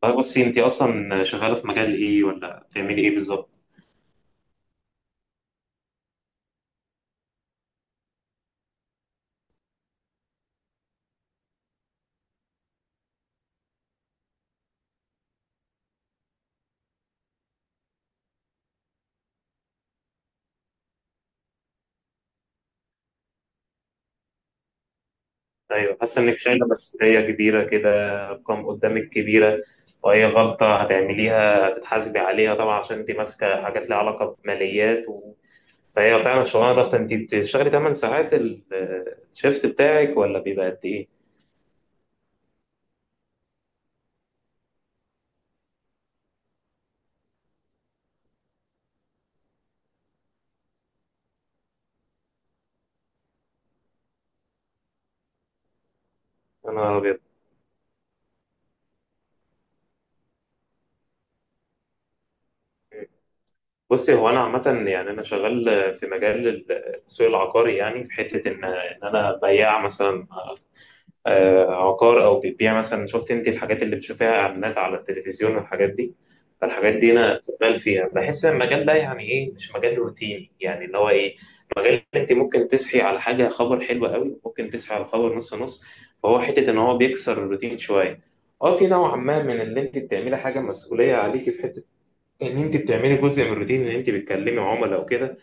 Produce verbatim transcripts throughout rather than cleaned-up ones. طيب بصي، انت اصلا شغاله في مجال ايه ولا بتعملي ايه بالظبط؟ ايوه، حاسه انك شايله مسؤوليه كبيره كده. ارقام قدامك كبيره، واي غلطه هتعمليها هتتحاسبي عليها طبعا عشان انت ماسكه حاجات ليها علاقه بماليات. و... فهي فعلا شغلانه ضغط. انت بتشتغلي تمن ساعات ال- الشيفت بتاعك ولا بيبقى قد ايه؟ انا ابيض. بصي، هو انا عامه، يعني انا شغال في مجال التسويق العقاري، يعني في حته ان ان انا بياع مثلا آه، عقار، او بتبيع مثلا. شفت انت الحاجات اللي بتشوفيها، اعلانات على التلفزيون والحاجات دي؟ فالحاجات دي انا شغال فيها. بحس ان المجال ده يعني ايه، مش مجال روتيني، يعني اللي هو ايه، مجال انت ممكن تصحي على حاجه خبر حلو قوي، ممكن تصحي على خبر نص نص. فهو حته ان هو بيكسر الروتين شويه. اه، في نوع ما من اللي انت بتعملي حاجه مسؤوليه عليكي، في حته ان انت بتعملي جزء من الروتين ان انت بتكلمي عملاء وكده.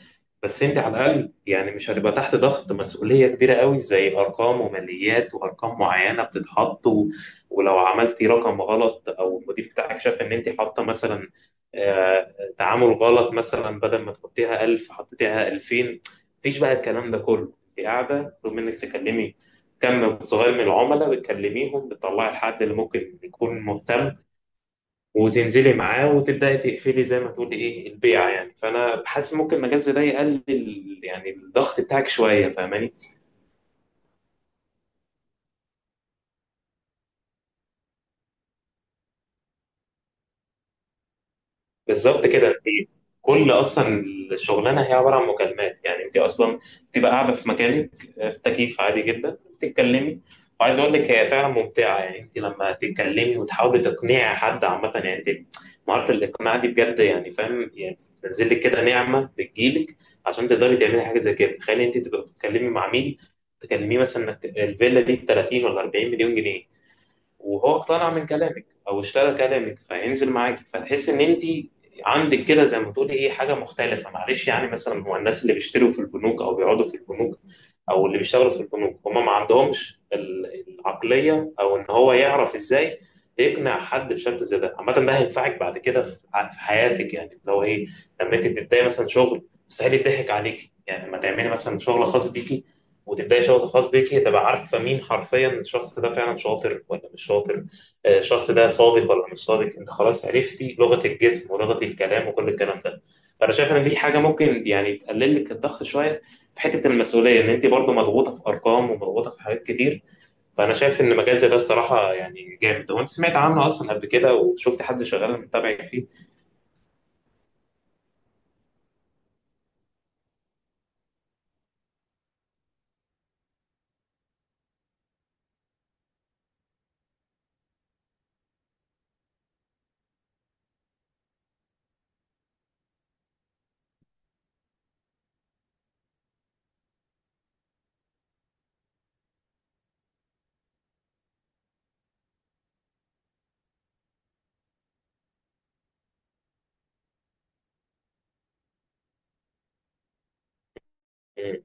بس انت على الاقل، يعني مش هتبقى تحت ضغط مسؤوليه كبيره قوي زي ارقام وماليات وارقام معينه بتتحط. و... ولو عملتي رقم غلط او المدير بتاعك شاف ان انت حاطه مثلا آه، تعامل غلط، مثلا بدل ما تحطيها ألف حطيتيها ألفين، مفيش بقى الكلام ده كله. انت قاعده رغم انك تكلمي كم صغير من العملاء، بتكلميهم بتطلعي الحد اللي ممكن يكون مهتم وتنزلي معاه وتبداي تقفلي زي ما تقولي ايه البيعه. يعني فانا بحس ممكن مجال زي ده يقلل يعني الضغط بتاعك شويه، فاهماني؟ بالظبط كده. انت كل اصلا الشغلانه هي عباره عن مكالمات، يعني انت اصلا بتبقى قاعده في مكانك، آه، في تكييف عادي جدا بتتكلمي. وعايز اقول لك هي فعلا ممتعه، يعني انت لما تتكلمي وتحاولي تقنعي حد عامه، يعني انت مهاره الاقناع دي بجد، يعني فاهم يعني، بتنزل لك كده نعمه بتجيلك عشان تقدري تعملي حاجه زي كده. تخيلي انت تبقى بتتكلمي مع مين، تكلميه مثلا انك الفيلا دي ب تلاتين ولا أربعين مليون جنيه، وهو اقتنع من كلامك او اشترى كلامك، فهينزل معاكي، فتحس ان انت عندك كده زي ما تقولي ايه، حاجه مختلفه. معلش، يعني مثلا هو الناس اللي بيشتروا في البنوك او بيقعدوا في البنوك او اللي بيشتغلوا في البنوك هم ما عندهمش ال- العقليه او ان هو يعرف ازاي يقنع حد بشكل زي ده. عامه، ده هينفعك بعد كده في ع- في حياتك، يعني اللي هو ايه، لما انت تبداي مثلا شغل مستحيل يضحك عليكي، يعني لما تعملي مثلا شغل خاص بيكي وتبداي شخص خاص بيكي، تبقى عارفه مين حرفيا الشخص ده فعلا شاطر ولا مش شاطر، آه، الشخص ده صادق ولا مش صادق. انت خلاص عرفتي لغه الجسم ولغه الكلام وكل الكلام ده. فانا شايف ان دي حاجه ممكن يعني تقلل لك الضغط شويه في حته المسؤوليه، ان انت برضو مضغوطه في ارقام ومضغوطه في حاجات كتير. فانا شايف ان مجال زي ده الصراحه يعني جامد. هو انت سمعت عنه اصلا قبل كده وشفت حد شغال متابع فيه؟ مم.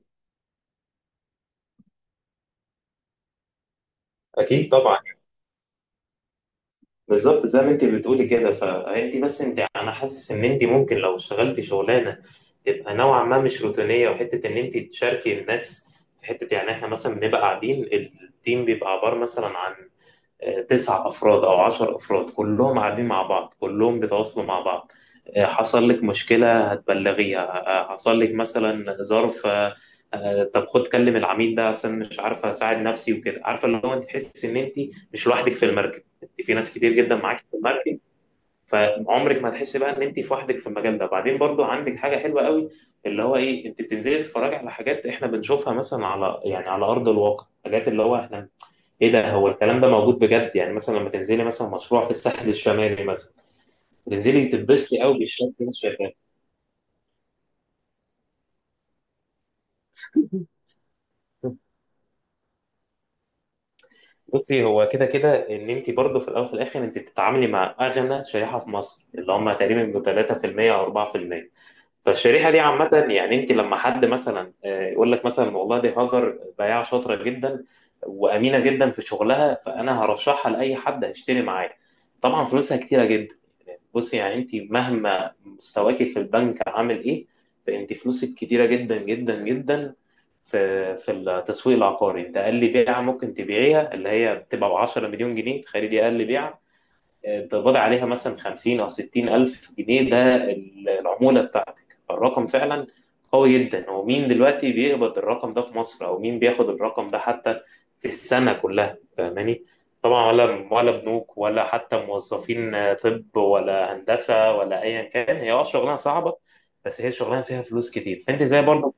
اكيد طبعا. بالظبط زي ما انت بتقولي كده. فانت بس انت انا حاسس ان انت ممكن لو اشتغلتي شغلانه تبقى نوعا ما مش روتينيه وحته ان انت تشاركي الناس في حته، يعني احنا مثلا بنبقى قاعدين، التيم بيبقى عباره مثلا عن آه، تسع افراد او عشر افراد، كلهم قاعدين مع بعض، كلهم بيتواصلوا مع بعض. آه، حصل لك مشكلة هتبلغيها، آه، حصل لك مثلا ظرف، آه، آه، طب خد كلم العميل ده عشان مش عارفة أساعد نفسي وكده. عارفة اللي هو أنت تحس إن أنت مش لوحدك في المركب، أنت في ناس كتير جدا معاك في المركب، فعمرك ما هتحسي بقى إن أنت في وحدك في المجال ده. بعدين برضو عندك حاجة حلوة قوي اللي هو إيه، أنت بتنزلي تتفرجي على حاجات إحنا بنشوفها مثلا على يعني على أرض الواقع، حاجات اللي هو إحنا إيه ده، هو الكلام ده موجود بجد، يعني مثلا لما تنزلي مثلا مشروع في الساحل الشمالي مثلا، تنزلي تتبسطي قوي بالشكل اللي انت شايفاه. بصي، هو كده كده ان انت برضه في الاول وفي الاخر انت بتتعاملي مع اغنى شريحه في مصر، اللي هم تقريبا بيبقوا تلاته في المية او أربعه في المية. فالشريحه دي عامه، يعني انت لما حد مثلا آه، يقول لك مثلا، والله دي هاجر بياعه شاطره جدا وامينه جدا في شغلها، فانا هرشحها لاي حد هيشتري معايا، طبعا فلوسها كتيره جدا. بصي، يعني انت مهما مستواكي في البنك عامل ايه، فانت فلوسك كتيره جدا جدا جدا. في في التسويق العقاري انت اقل بيعه ممكن تبيعيها اللي هي بتبقى ب عشره مليون جنيه. تخيلي دي اقل بيعه، تقبضي عليها مثلا خمسين أو ستين ألف جنيه، ده ال- العمولة بتاعتك. فالرقم فعلا قوي جدا. ومين دلوقتي بيقبض الرقم ده في مصر، أو مين بياخد الرقم ده حتى في السنة كلها، فاهماني؟ طبعا ولا ولا بنوك، ولا حتى موظفين، طب ولا هندسة، ولا أيا كان. هي أه شغلانة صعبة، بس هي شغلانة فيها فلوس كتير. فأنت زي برضه.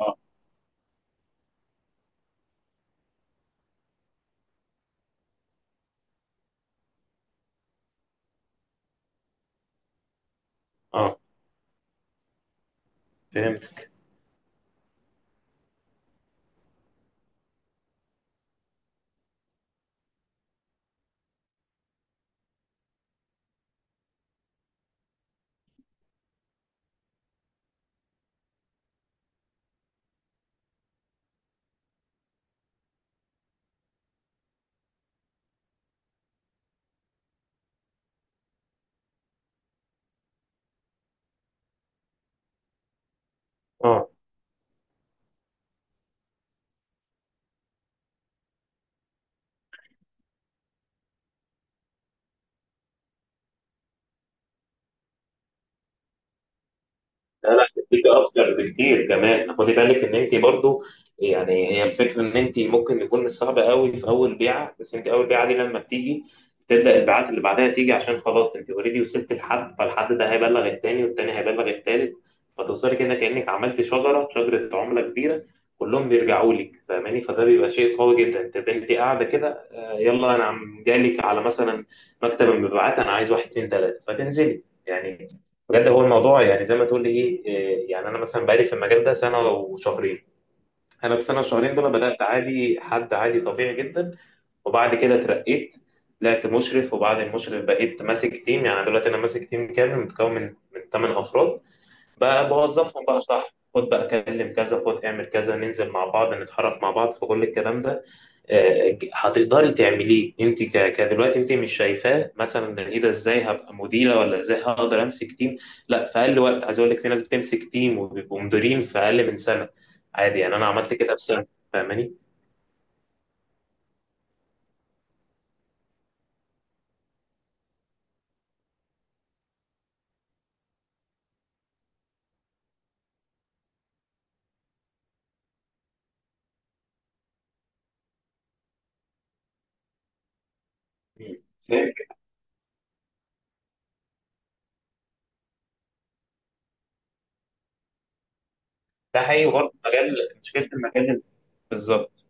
أه. آه، فهمتك. أه، لا لا، هتديك اكتر بكتير كمان. خدي بالك ان انت برضو، يعني هي الفكره ان انت ممكن يكون مش صعب قوي في اول بيعه. بس انت اول بيعه دي لما بتيجي، تبدا البيعات اللي بعدها تيجي، عشان خلاص انت اوريدي وصلت لحد، فالحد ده هيبلغ التاني والتاني هيبلغ التالت، فتوصلي كده كانك عملت شجره. شجره عمله كبيره كلهم بيرجعوا لك، فاهماني؟ فده بيبقى شيء قوي جدا. انت انت قاعده كده، آه، يلا انا عم جالك على مثلا مكتب المبيعات، انا عايز واحد اتنين تلاته، فتنزلي، يعني بجد هو الموضوع يعني زي ما تقول لي ايه إيه، يعني انا مثلا بقالي في المجال ده سنه وشهرين. انا في سنه وشهرين دول بدات عادي، حد عادي طبيعي جدا، وبعد كده اترقيت، طلعت مشرف، وبعد المشرف بقيت ماسك تيم. يعني دلوقتي انا ماسك تيم كامل متكون من من تمن افراد، بقى بوظفهم بقى، صح خد بقى كلم كذا، خد اعمل كذا، ننزل مع بعض، نتحرك مع بعض في كل الكلام ده. آه، هتقدري تعمليه انت. ك- كدلوقتي انت مش شايفاه مثلا ايه ده، ازاي هبقى مديره، ولا ازاي هقدر امسك تيم؟ لا، في اقل وقت. عايز اقول لك في ناس بتمسك تيم وبيبقوا مديرين في اقل من سنه، عادي. يعني انا عملت كده في سنه، فاهماني؟ مم. فاهم. ده حقيقي برضه مجال. مشكله المجال بالظبط.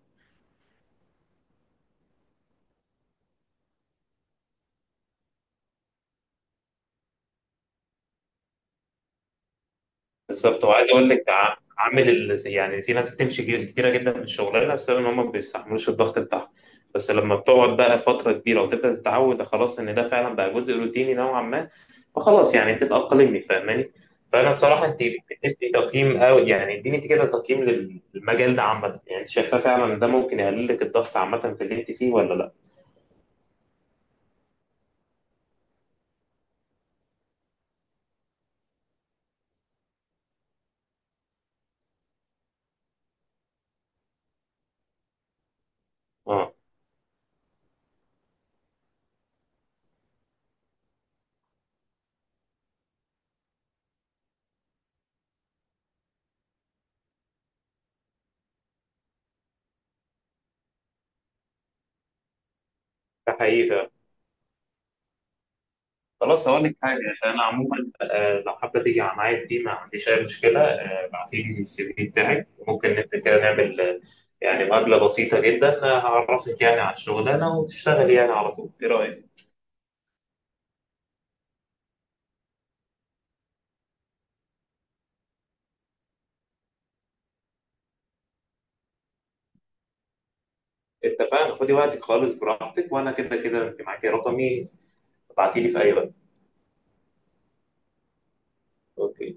بالظبط. وعايز اقول لك ع- عامل ال- يعني في ناس بتمشي جي- كتيره جدا من الشغلانه بسبب ان هم ما بيستحملوش الضغط بتاعها. بس لما بتقعد بقى فتره كبيره وتبدا تتعود، خلاص ان ده فعلا بقى جزء روتيني نوعا ما، فخلاص يعني بتتاقلمي، فاهماني؟ فانا الصراحه انت بتدي تقييم قوي. يعني اديني انت كده تقييم لل- للمجال ده عامه، يعني انت شايفاه فعلا ان ده ممكن يقلل لك الضغط عامه في اللي انت فيه ولا لا؟ اه، ده حقيقي فعلاً. خلاص، اقول لك حاجه، عشان انا عموما آه، لو حابه تيجي على معايا دي ما عنديش اي مشكله. آه، ابعتي لي السي في بتاعك، ممكن انت كده نعمل آه، يعني مقابله بسيطه جدا، آه، هعرفك يعني على الشغلانه وتشتغلي يعني على طول، ايه رايك؟ اتفقنا. خدي وقتك خالص، براحتك، وانا كده كده انت معاكي رقمي، ابعتي لي في اي وقت. اوكي.